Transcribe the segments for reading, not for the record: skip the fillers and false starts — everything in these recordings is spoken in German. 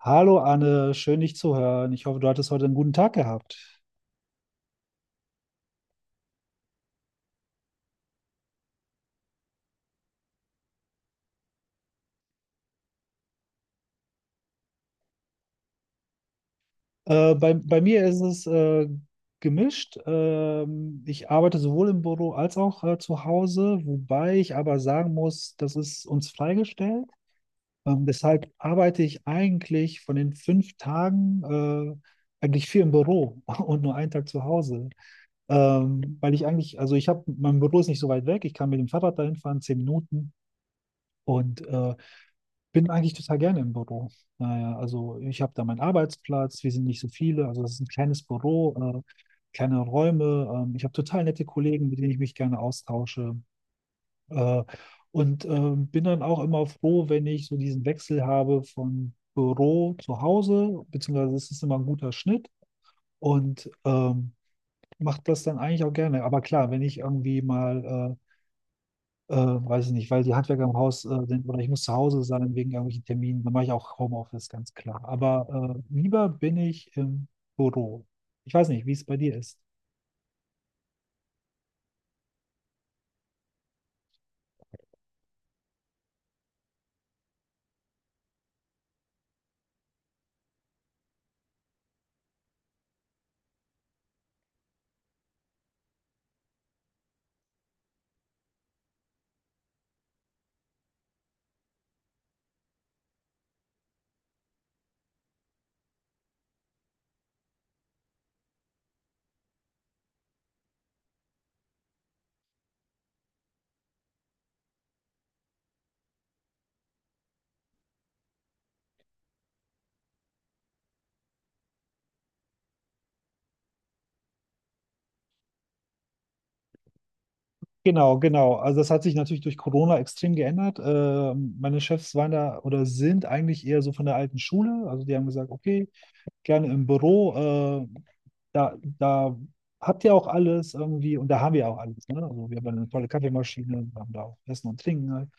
Hallo Anne, schön dich zu hören. Ich hoffe, du hattest heute einen guten Tag gehabt. Bei mir ist es gemischt. Ich arbeite sowohl im Büro als auch zu Hause, wobei ich aber sagen muss, das ist uns freigestellt. Deshalb arbeite ich eigentlich von den 5 Tagen eigentlich vier im Büro und nur einen Tag zu Hause. Weil ich eigentlich, also ich habe, mein Büro ist nicht so weit weg. Ich kann mit dem Fahrrad dahin fahren, 10 Minuten. Und bin eigentlich total gerne im Büro. Naja, also ich habe da meinen Arbeitsplatz, wir sind nicht so viele, also das ist ein kleines Büro, kleine Räume. Ich habe total nette Kollegen, mit denen ich mich gerne austausche. Äh, und bin dann auch immer froh, wenn ich so diesen Wechsel habe von Büro zu Hause, beziehungsweise es ist immer ein guter Schnitt und macht das dann eigentlich auch gerne. Aber klar, wenn ich irgendwie mal weiß ich nicht, weil die Handwerker im Haus sind oder ich muss zu Hause sein wegen irgendwelchen Terminen. Dann mache ich auch Homeoffice, ganz klar. Aber lieber bin ich im Büro. Ich weiß nicht, wie es bei dir ist. Genau, genau. Also das hat sich natürlich durch Corona extrem geändert. Meine Chefs waren da oder sind eigentlich eher so von der alten Schule. Also die haben gesagt, okay, gerne im Büro. Da habt ihr auch alles irgendwie und da haben wir auch alles. Ne? Also wir haben eine tolle Kaffeemaschine, wir haben da auch Essen und Trinken, ne?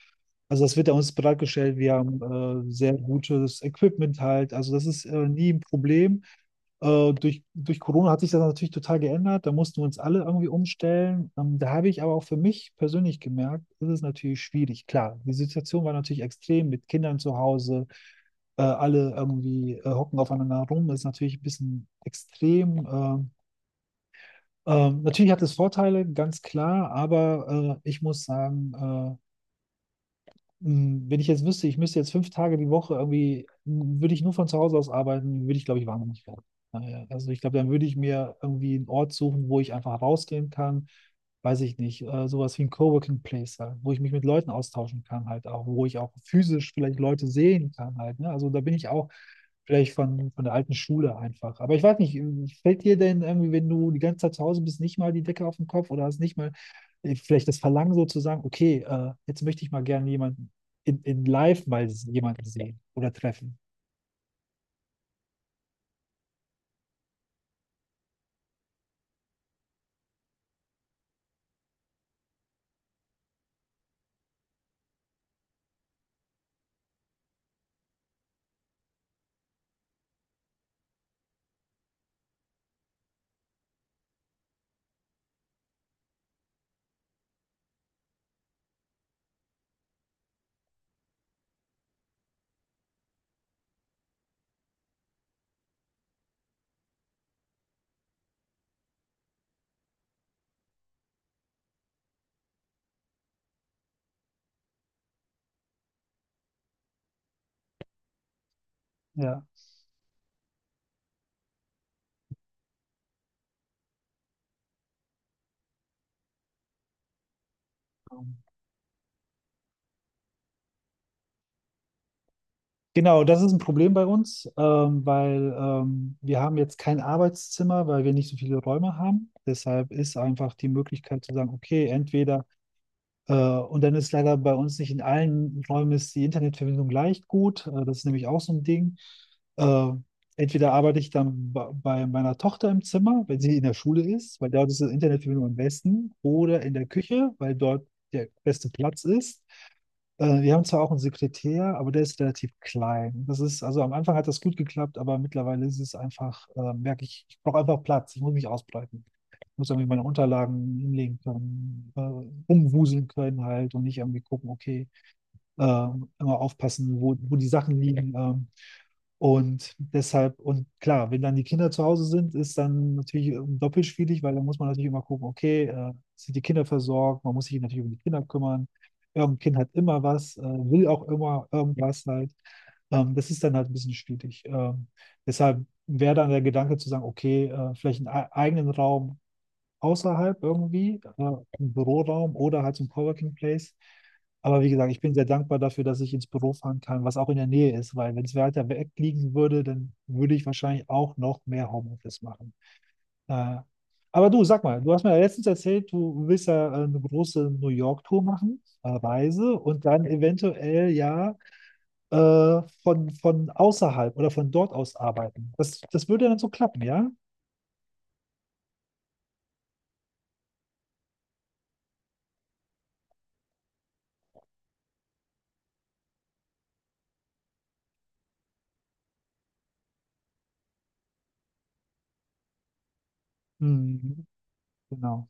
Also das wird ja uns bereitgestellt. Wir haben sehr gutes Equipment halt. Also das ist nie ein Problem. Durch Corona hat sich das natürlich total geändert. Da mussten wir uns alle irgendwie umstellen. Da habe ich aber auch für mich persönlich gemerkt, das ist natürlich schwierig. Klar, die Situation war natürlich extrem mit Kindern zu Hause. Alle irgendwie hocken aufeinander rum. Das ist natürlich ein bisschen extrem. Natürlich hat es Vorteile, ganz klar, aber ich muss sagen, äh, wenn ich jetzt wüsste, ich müsste jetzt 5 Tage die Woche irgendwie, würde ich nur von zu Hause aus arbeiten, würde ich, glaube ich, wahnsinnig werden. Naja, also ich glaube, dann würde ich mir irgendwie einen Ort suchen, wo ich einfach rausgehen kann, weiß ich nicht, sowas wie ein Coworking Place halt, wo ich mich mit Leuten austauschen kann halt auch, wo ich auch physisch vielleicht Leute sehen kann halt, ne? Also da bin ich auch vielleicht von der alten Schule einfach. Aber ich weiß nicht, fällt dir denn irgendwie, wenn du die ganze Zeit zu Hause bist, nicht mal die Decke auf den Kopf oder hast nicht mal vielleicht das Verlangen so zu sagen, okay, jetzt möchte ich mal gerne jemand in live mal jemanden sehen oder treffen. Ja. Genau, das ist ein Problem bei uns, weil wir haben jetzt kein Arbeitszimmer, weil wir nicht so viele Räume haben. Deshalb ist einfach die Möglichkeit zu sagen, okay, entweder. Und dann ist leider bei uns nicht in allen Räumen ist die Internetverbindung leicht gut. Das ist nämlich auch so ein Ding. Äh, Entweder arbeite ich dann bei meiner Tochter im Zimmer, wenn sie in der Schule ist, weil dort ist die Internetverbindung am besten, oder in der Küche, weil dort der beste Platz ist. Wir haben zwar auch einen Sekretär, aber der ist relativ klein. Das ist, also am Anfang hat das gut geklappt, aber mittlerweile ist es einfach, merke ich, ich brauche einfach Platz, ich muss mich ausbreiten, muss irgendwie meine Unterlagen hinlegen können, rumwuseln können halt und nicht irgendwie gucken, okay, äh, immer aufpassen, wo die Sachen liegen. Und deshalb, und klar, wenn dann die Kinder zu Hause sind, ist dann natürlich doppelt schwierig, weil dann muss man natürlich immer gucken, okay, sind die Kinder versorgt, man muss sich natürlich um die Kinder kümmern. Irgendein Kind hat immer was, will auch immer irgendwas halt. Das ist dann halt ein bisschen schwierig. Deshalb wäre dann der Gedanke zu sagen, okay, vielleicht einen eigenen Raum außerhalb irgendwie, im Büroraum oder halt zum Coworking Place. Aber wie gesagt, ich bin sehr dankbar dafür, dass ich ins Büro fahren kann, was auch in der Nähe ist, weil wenn es weiter weg liegen würde, dann würde ich wahrscheinlich auch noch mehr Homeoffice machen. Äh, aber du, sag mal, du hast mir ja letztens erzählt, du willst ja eine große New York-Tour machen, Reise und dann eventuell ja von außerhalb oder von dort aus arbeiten. Das würde dann so klappen, ja? Hm, genau.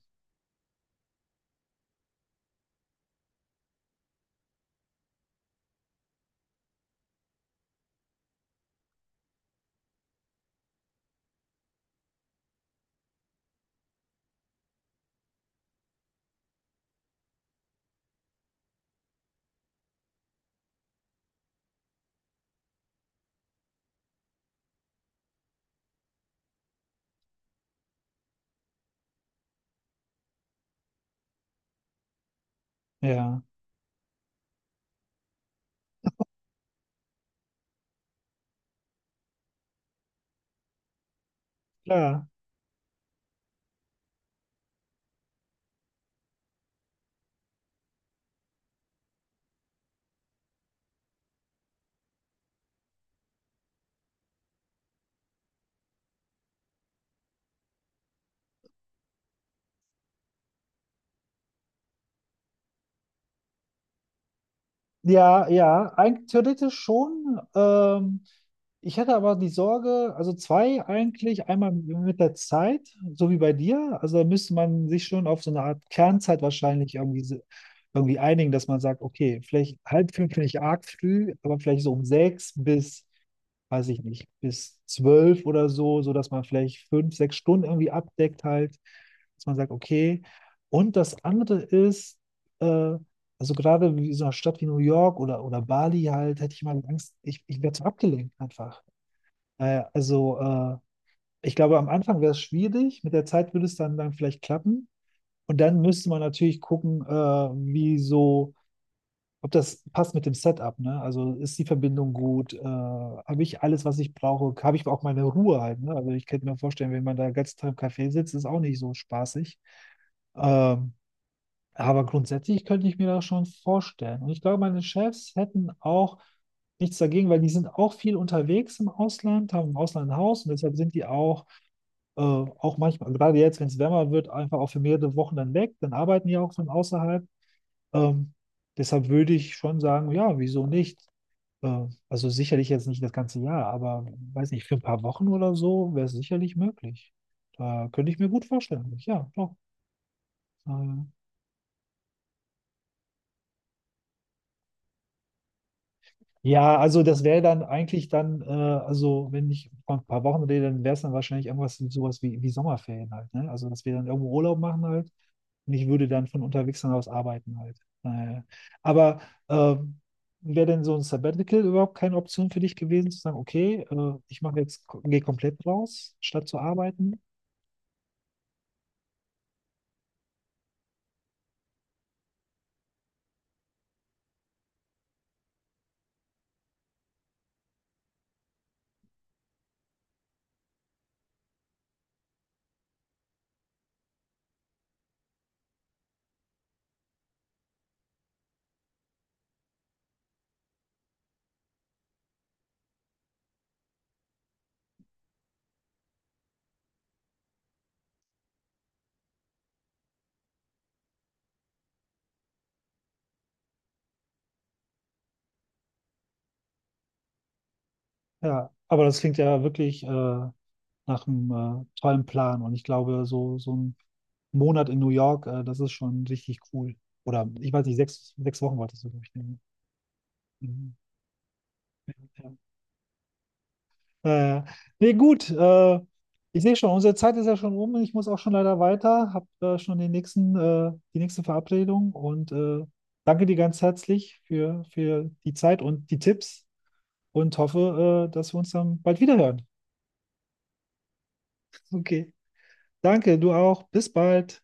Ja, klar. Ja, ja, eigentlich theoretisch schon. Ich hätte aber die Sorge, also zwei eigentlich, einmal mit der Zeit, so wie bei dir. Also da müsste man sich schon auf so eine Art Kernzeit wahrscheinlich irgendwie, irgendwie einigen, dass man sagt, okay, vielleicht halb fünf finde ich arg früh, aber vielleicht so um sechs bis, weiß ich nicht, bis zwölf oder so, so dass man vielleicht 5, 6 Stunden irgendwie abdeckt halt, dass man sagt, okay. Und das andere ist, äh, also gerade in so einer Stadt wie New York oder Bali halt, hätte ich mal Angst, ich werde so abgelenkt einfach. Äh, also äh, Ich glaube, am Anfang wäre es schwierig, mit der Zeit würde es dann, dann vielleicht klappen. Und dann müsste man natürlich gucken, ob das passt mit dem Setup, ne? Also ist die Verbindung gut? Habe ich alles, was ich brauche? Habe ich auch meine Ruhe halt, ne? Also ich könnte mir vorstellen, wenn man da den ganzen Tag im Café sitzt, ist auch nicht so spaßig. Ähm, Aber grundsätzlich könnte ich mir das schon vorstellen. Und ich glaube, meine Chefs hätten auch nichts dagegen, weil die sind auch viel unterwegs im Ausland, haben im Ausland ein Haus und deshalb sind die auch, auch manchmal, gerade jetzt, wenn es wärmer wird, einfach auch für mehrere Wochen dann weg. Dann arbeiten die auch von außerhalb. Ähm, Deshalb würde ich schon sagen, ja, wieso nicht? Also sicherlich jetzt nicht das ganze Jahr, aber weiß nicht, für ein paar Wochen oder so wäre es sicherlich möglich. Da könnte ich mir gut vorstellen. Ja, doch. Äh, Ja, also das wäre dann eigentlich dann, also wenn ich von ein paar Wochen rede, dann wäre es dann wahrscheinlich irgendwas sowas wie, wie Sommerferien halt, ne? Also dass wir dann irgendwo Urlaub machen halt und ich würde dann von unterwegs dann aus arbeiten halt. Naja. Aber äh, wäre denn so ein Sabbatical überhaupt keine Option für dich gewesen, zu sagen, okay, ich mache jetzt, gehe komplett raus, statt zu arbeiten? Ja, aber das klingt ja wirklich nach einem tollen Plan. Und ich glaube, so ein Monat in New York, das ist schon richtig cool. Oder ich weiß nicht, 6 Wochen wolltest du, glaube ich, nehmen. Mhm, ja. Äh, Nee, gut. Ich sehe schon, unsere Zeit ist ja schon um. Ich muss auch schon leider weiter. Hab schon den nächsten, die nächste Verabredung. Und danke dir ganz herzlich für die Zeit und die Tipps und hoffe, dass wir uns dann bald wiederhören. Okay. Danke, du auch. Bis bald.